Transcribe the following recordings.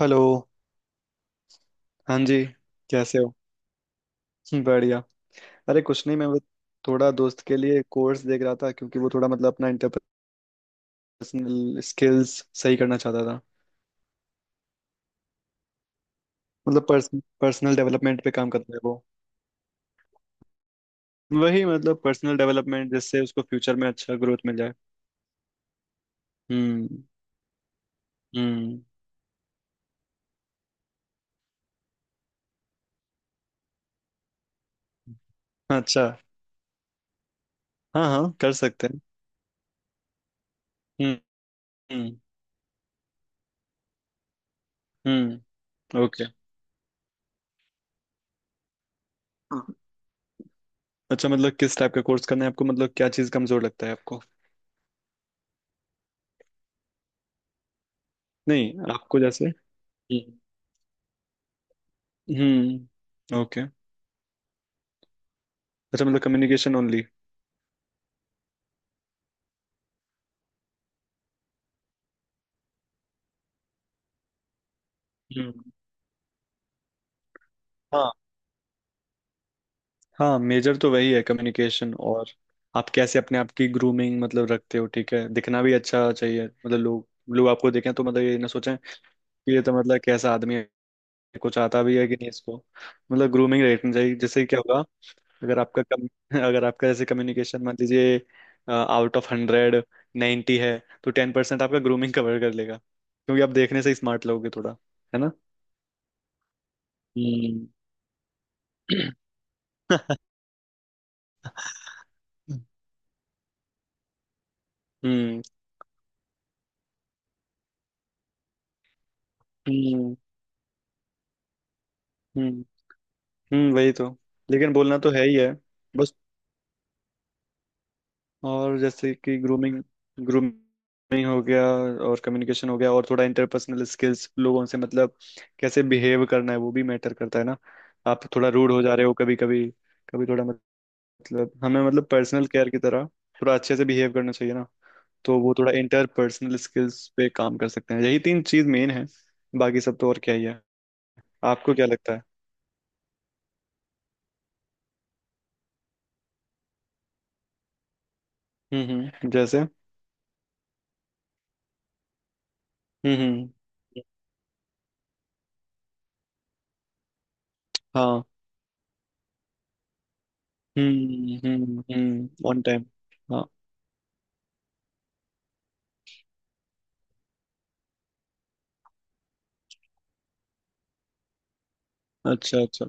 Hello. हाँ जी। कैसे हो? बढ़िया। अरे कुछ नहीं, मैं वो थोड़ा दोस्त के लिए कोर्स देख रहा था क्योंकि वो थोड़ा मतलब अपना इंटरपर्सनल स्किल्स सही करना चाहता था। मतलब पर्सनल डेवलपमेंट पे काम करता है वो। वही मतलब पर्सनल डेवलपमेंट जिससे उसको फ्यूचर में अच्छा ग्रोथ मिल जाए। हम्म हम्म अच्छा। हाँ हाँ कर सकते हैं। हम्म हम्म हम्म ओके। अच्छा, मतलब किस टाइप का कोर्स करना है आपको, मतलब क्या चीज़ कमजोर लगता है आपको? नहीं, आपको जैसे। हम्म ओके। अच्छा मतलब कम्युनिकेशन ओनली। हम्म। हाँ हाँ मेजर तो वही है कम्युनिकेशन। और आप कैसे अपने आप की ग्रूमिंग मतलब रखते हो, ठीक है, दिखना भी अच्छा चाहिए, मतलब लोग लोग आपको देखें तो मतलब ये ना सोचें कि ये तो मतलब कैसा आदमी है, कुछ आता भी है कि नहीं इसको। मतलब ग्रूमिंग रखनी चाहिए जिससे क्या होगा। अगर आपका कम अगर आपका जैसे कम्युनिकेशन मान लीजिए आउट ऑफ 100 90 है तो 10% आपका ग्रूमिंग कवर कर लेगा, क्योंकि आप देखने से स्मार्ट लगोगे थोड़ा। है ना? हम्म। हम्म हम्म हम्म हम्म, वही तो। लेकिन बोलना तो है ही है बस। और जैसे कि ग्रूमिंग, ग्रूमिंग हो गया, और कम्युनिकेशन हो गया, और थोड़ा इंटरपर्सनल स्किल्स लोगों से मतलब कैसे बिहेव करना है वो भी मैटर करता है ना। आप थोड़ा रूड हो जा रहे हो कभी कभी, कभी थोड़ा मतलब हमें मतलब पर्सनल केयर की तरह थोड़ा अच्छे से बिहेव करना चाहिए ना। तो वो थोड़ा इंटरपर्सनल स्किल्स पे काम कर सकते हैं, यही तीन चीज मेन है। बाकी सब तो और क्या ही है? आपको क्या लगता है? जैसे। हम्म हम्म हाँ ऑन टाइम। हाँ अच्छा अच्छा।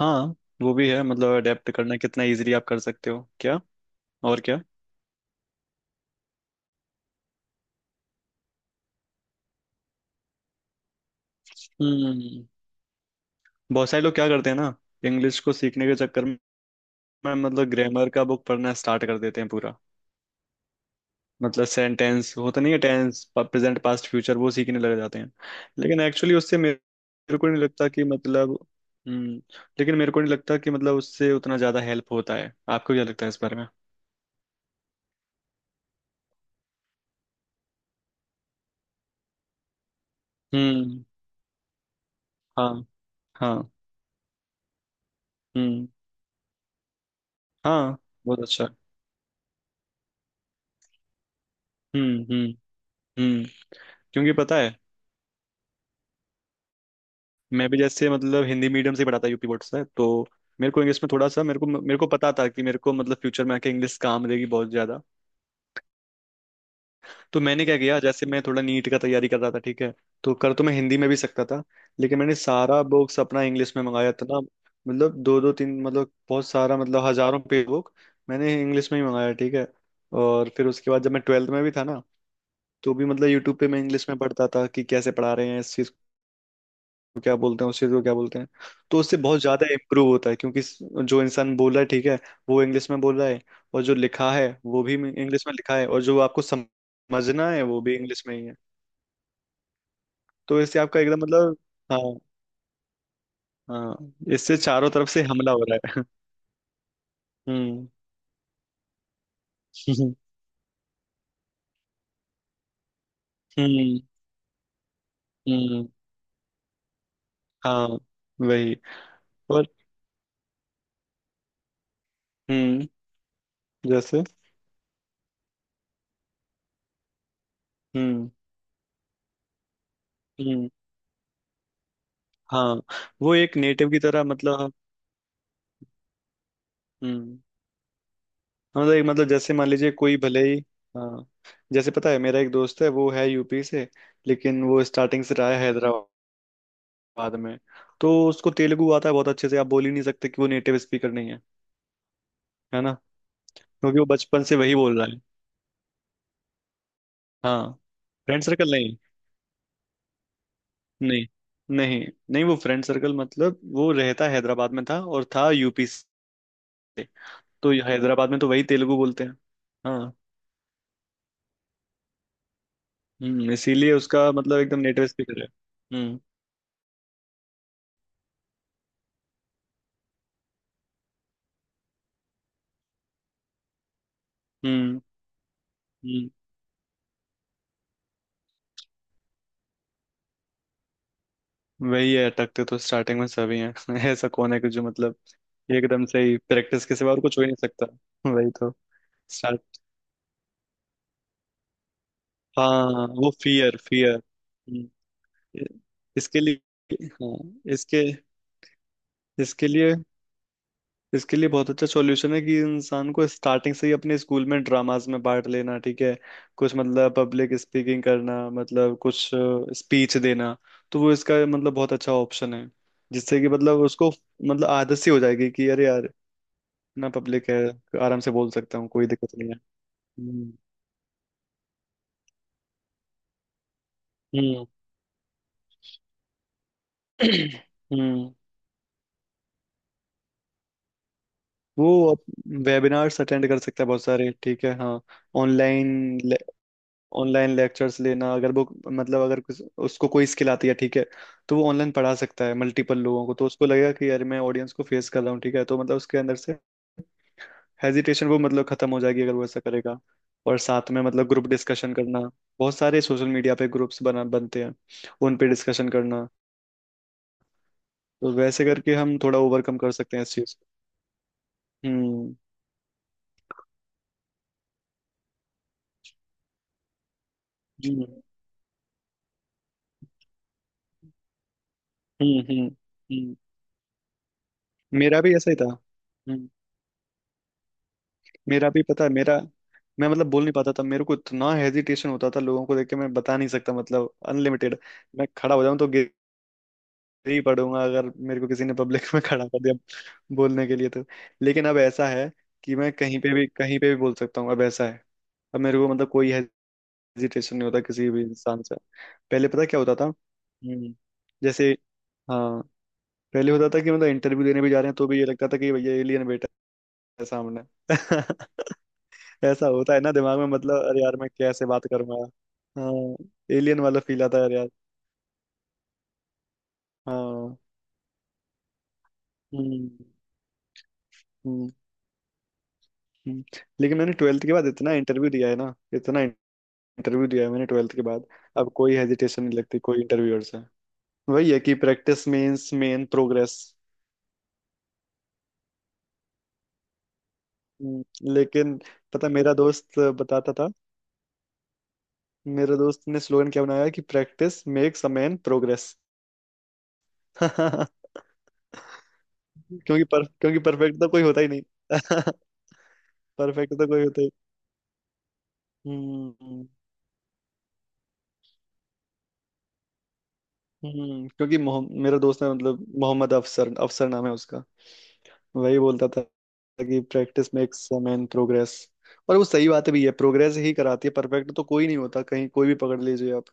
हाँ वो भी है, मतलब अडेप्ट करना कितना इजीली आप कर सकते हो क्या। और क्या। हम्म। बहुत सारे लोग क्या करते हैं ना, इंग्लिश को सीखने के चक्कर में मतलब ग्रामर का बुक पढ़ना स्टार्ट कर देते हैं पूरा। मतलब सेंटेंस होता नहीं है, टेंस प्रेजेंट पास्ट फ्यूचर वो सीखने लग जाते हैं। लेकिन एक्चुअली उससे मेरे मेरे को नहीं लगता कि मतलब। हम्म। लेकिन मेरे को नहीं लगता कि मतलब उससे उतना ज्यादा हेल्प होता है, आपको क्या लगता है इस बारे में? हम्म हाँ हाँ हम्म हाँ बहुत अच्छा। हम्म हम्म हम्म। क्योंकि पता है, मैं भी जैसे मतलब हिंदी मीडियम से ही पढ़ा था, यूपी बोर्ड से, तो मेरे को इंग्लिश में थोड़ा सा मेरे को पता था कि मेरे को मतलब फ्यूचर में आके इंग्लिश काम देगी बहुत ज्यादा। तो मैंने क्या किया, जैसे मैं थोड़ा नीट का तैयारी कर रहा था, ठीक है, तो कर तो मैं हिंदी में भी सकता था। लेकिन मैंने सारा बुक्स अपना इंग्लिश में मंगाया था ना। मतलब दो दो तीन मतलब बहुत सारा मतलब हजारों पेज बुक मैंने इंग्लिश में ही मंगाया, ठीक है। और फिर उसके बाद जब मैं 12th में भी था ना, तो भी मतलब यूट्यूब पे मैं इंग्लिश में पढ़ता था कि कैसे पढ़ा रहे हैं इस चीज, क्या बोलते हैं उस चीज को, क्या बोलते हैं। तो उससे बहुत ज्यादा इम्प्रूव होता है, क्योंकि जो इंसान बोल रहा है, ठीक है, वो इंग्लिश में बोल रहा है, और जो लिखा है वो भी इंग्लिश में लिखा है, और जो आपको समझना है वो भी इंग्लिश में ही है। तो इससे आपका एकदम मतलब। हाँ। हाँ इससे चारों तरफ से हमला हो रहा है। हम्म। हम्म हम्म हाँ वही और। हम्म जैसे। हम्म हम्म। हाँ वो एक नेटिव की तरह मतलब। हम्म हाँ तो एक मतलब जैसे मान लीजिए कोई भले ही। हाँ जैसे पता है मेरा एक दोस्त है वो है यूपी से, लेकिन वो स्टार्टिंग से रहा है हैदराबाद में, तो उसको तेलुगु आता है बहुत अच्छे से, आप बोल ही नहीं सकते कि वो नेटिव स्पीकर नहीं है, है ना। क्योंकि वो बचपन से वही बोल रहा है। हाँ फ्रेंड सर्कल नहीं, नहीं नहीं नहीं। वो फ्रेंड सर्कल मतलब वो रहता हैदराबाद में था और था यूपी से, तो हैदराबाद में तो वही तेलुगु बोलते हैं। हाँ। हम्म, इसीलिए उसका मतलब एकदम नेटिव स्पीकर है। हम्म हम्म। वही है, अटकते तो स्टार्टिंग में सभी हैं। ऐसा कौन है कि जो मतलब एकदम से ही, प्रैक्टिस के सिवा और कुछ हो ही नहीं सकता। वही तो। स्टार्ट। हाँ, वो फियर फियर इसके लिए। हाँ, इसके इसके लिए इसके लिए बहुत अच्छा सॉल्यूशन है कि इंसान को स्टार्टिंग से ही अपने स्कूल में ड्रामास में पार्ट लेना, ठीक है। कुछ मतलब पब्लिक स्पीकिंग करना मतलब कुछ स्पीच देना, तो वो इसका मतलब बहुत अच्छा ऑप्शन है। जिससे कि मतलब उसको मतलब आदत सी हो जाएगी कि अरे यार, ना पब्लिक है, आराम से बोल सकता हूँ, कोई दिक्कत नहीं है। हम्म हम्म हम्म। वो वेबिनार्स अटेंड कर सकता है बहुत सारे, ठीक है, हाँ। ऑनलाइन, ऑनलाइन लेक्चर्स लेना, अगर वो मतलब अगर उसको कोई स्किल आती है, ठीक है, तो वो ऑनलाइन पढ़ा सकता है मल्टीपल लोगों को, तो उसको लगेगा कि यार मैं ऑडियंस को फेस कर रहा हूँ, ठीक है, तो मतलब उसके अंदर से हेजिटेशन वो मतलब खत्म हो जाएगी अगर वो ऐसा करेगा। और साथ में मतलब ग्रुप डिस्कशन करना, बहुत सारे सोशल मीडिया पे ग्रुप्स बना बनते हैं, उन पे डिस्कशन करना, तो वैसे करके हम थोड़ा ओवरकम कर सकते हैं इस चीज को। हम्म हम्म हम्म हम्म हम्म। मेरा भी ऐसा ही था। हम्म। मेरा भी पता है मेरा, मैं मतलब बोल नहीं पाता था, मेरे को इतना हेजिटेशन होता था लोगों को देख के, मैं बता नहीं सकता मतलब अनलिमिटेड। मैं खड़ा हो जाऊं तो गिर ही पड़ूंगा अगर मेरे को किसी ने पब्लिक में खड़ा कर दिया बोलने के लिए तो। लेकिन अब ऐसा है कि मैं कहीं पे भी बोल सकता हूँ, अब ऐसा है। अब मेरे को मतलब कोई हेजिटेशन नहीं होता किसी भी इंसान से। पहले पता क्या होता था। जैसे। हाँ पहले होता था कि मतलब इंटरव्यू देने भी जा रहे हैं तो भी ये लगता था कि भैया एलियन बैठा है सामने। ऐसा होता है ना दिमाग में मतलब, अरे यार मैं कैसे बात करूंगा। हाँ एलियन वाला फील आता है, अरे यार। हाँ हम्म हम्म हम्म। लेकिन मैंने 12th के बाद इतना इंटरव्यू दिया है ना, इतना इंटरव्यू दिया है मैंने 12th के बाद। अब कोई हेजिटेशन नहीं लगती कोई इंटरव्यूअर से, वही है कि प्रैक्टिस मीन्स मेन प्रोग्रेस। लेकिन पता है, मेरा दोस्त बताता था, मेरे दोस्त ने स्लोगन क्या बनाया कि practice makes a man progress. क्योंकि क्योंकि परफेक्ट तो कोई होता ही नहीं। परफेक्ट तो कोई होता ही। हम्म हम्म। क्योंकि मेरा दोस्त है मतलब मोहम्मद अफसर, अफसर नाम है उसका। वही बोलता था कि practice makes a man progress. और वो सही बात भी है, प्रोग्रेस ही कराती है, परफेक्ट तो कोई नहीं होता, कहीं कोई भी पकड़ लीजिए आप।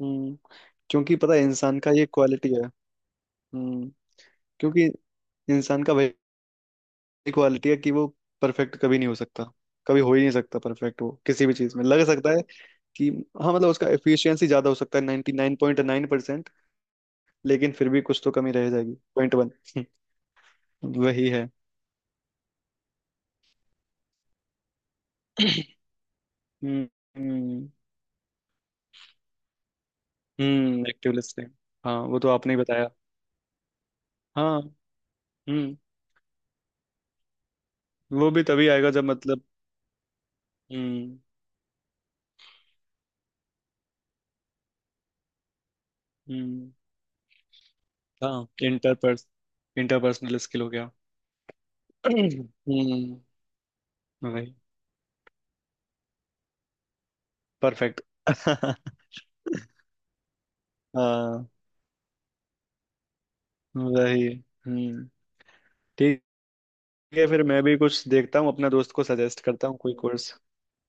हम्म। क्योंकि पता है इंसान का ये क्वालिटी है। हम्म। क्योंकि इंसान का वही क्वालिटी है कि वो परफेक्ट कभी नहीं हो सकता, कभी हो ही नहीं सकता परफेक्ट, वो किसी भी चीज में लग सकता है। कि हाँ मतलब उसका एफिशिएंसी ज्यादा हो सकता है 99.9%, लेकिन फिर भी कुछ तो कमी रह जाएगी, 0.1। वही है। हम्म एक्टिव लिस्टिंग, हाँ वो तो आपने ही बताया। हाँ हम्म वो भी तभी आएगा जब मतलब। हम्म हम्म। हाँ इंटरपर्सनल स्किल हो गया। हम्म वही परफेक्ट। हाँ वही। हम्म। ठीक है, फिर मैं भी कुछ देखता हूँ, अपना दोस्त को सजेस्ट करता हूँ कोई कोर्स,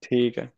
ठीक है।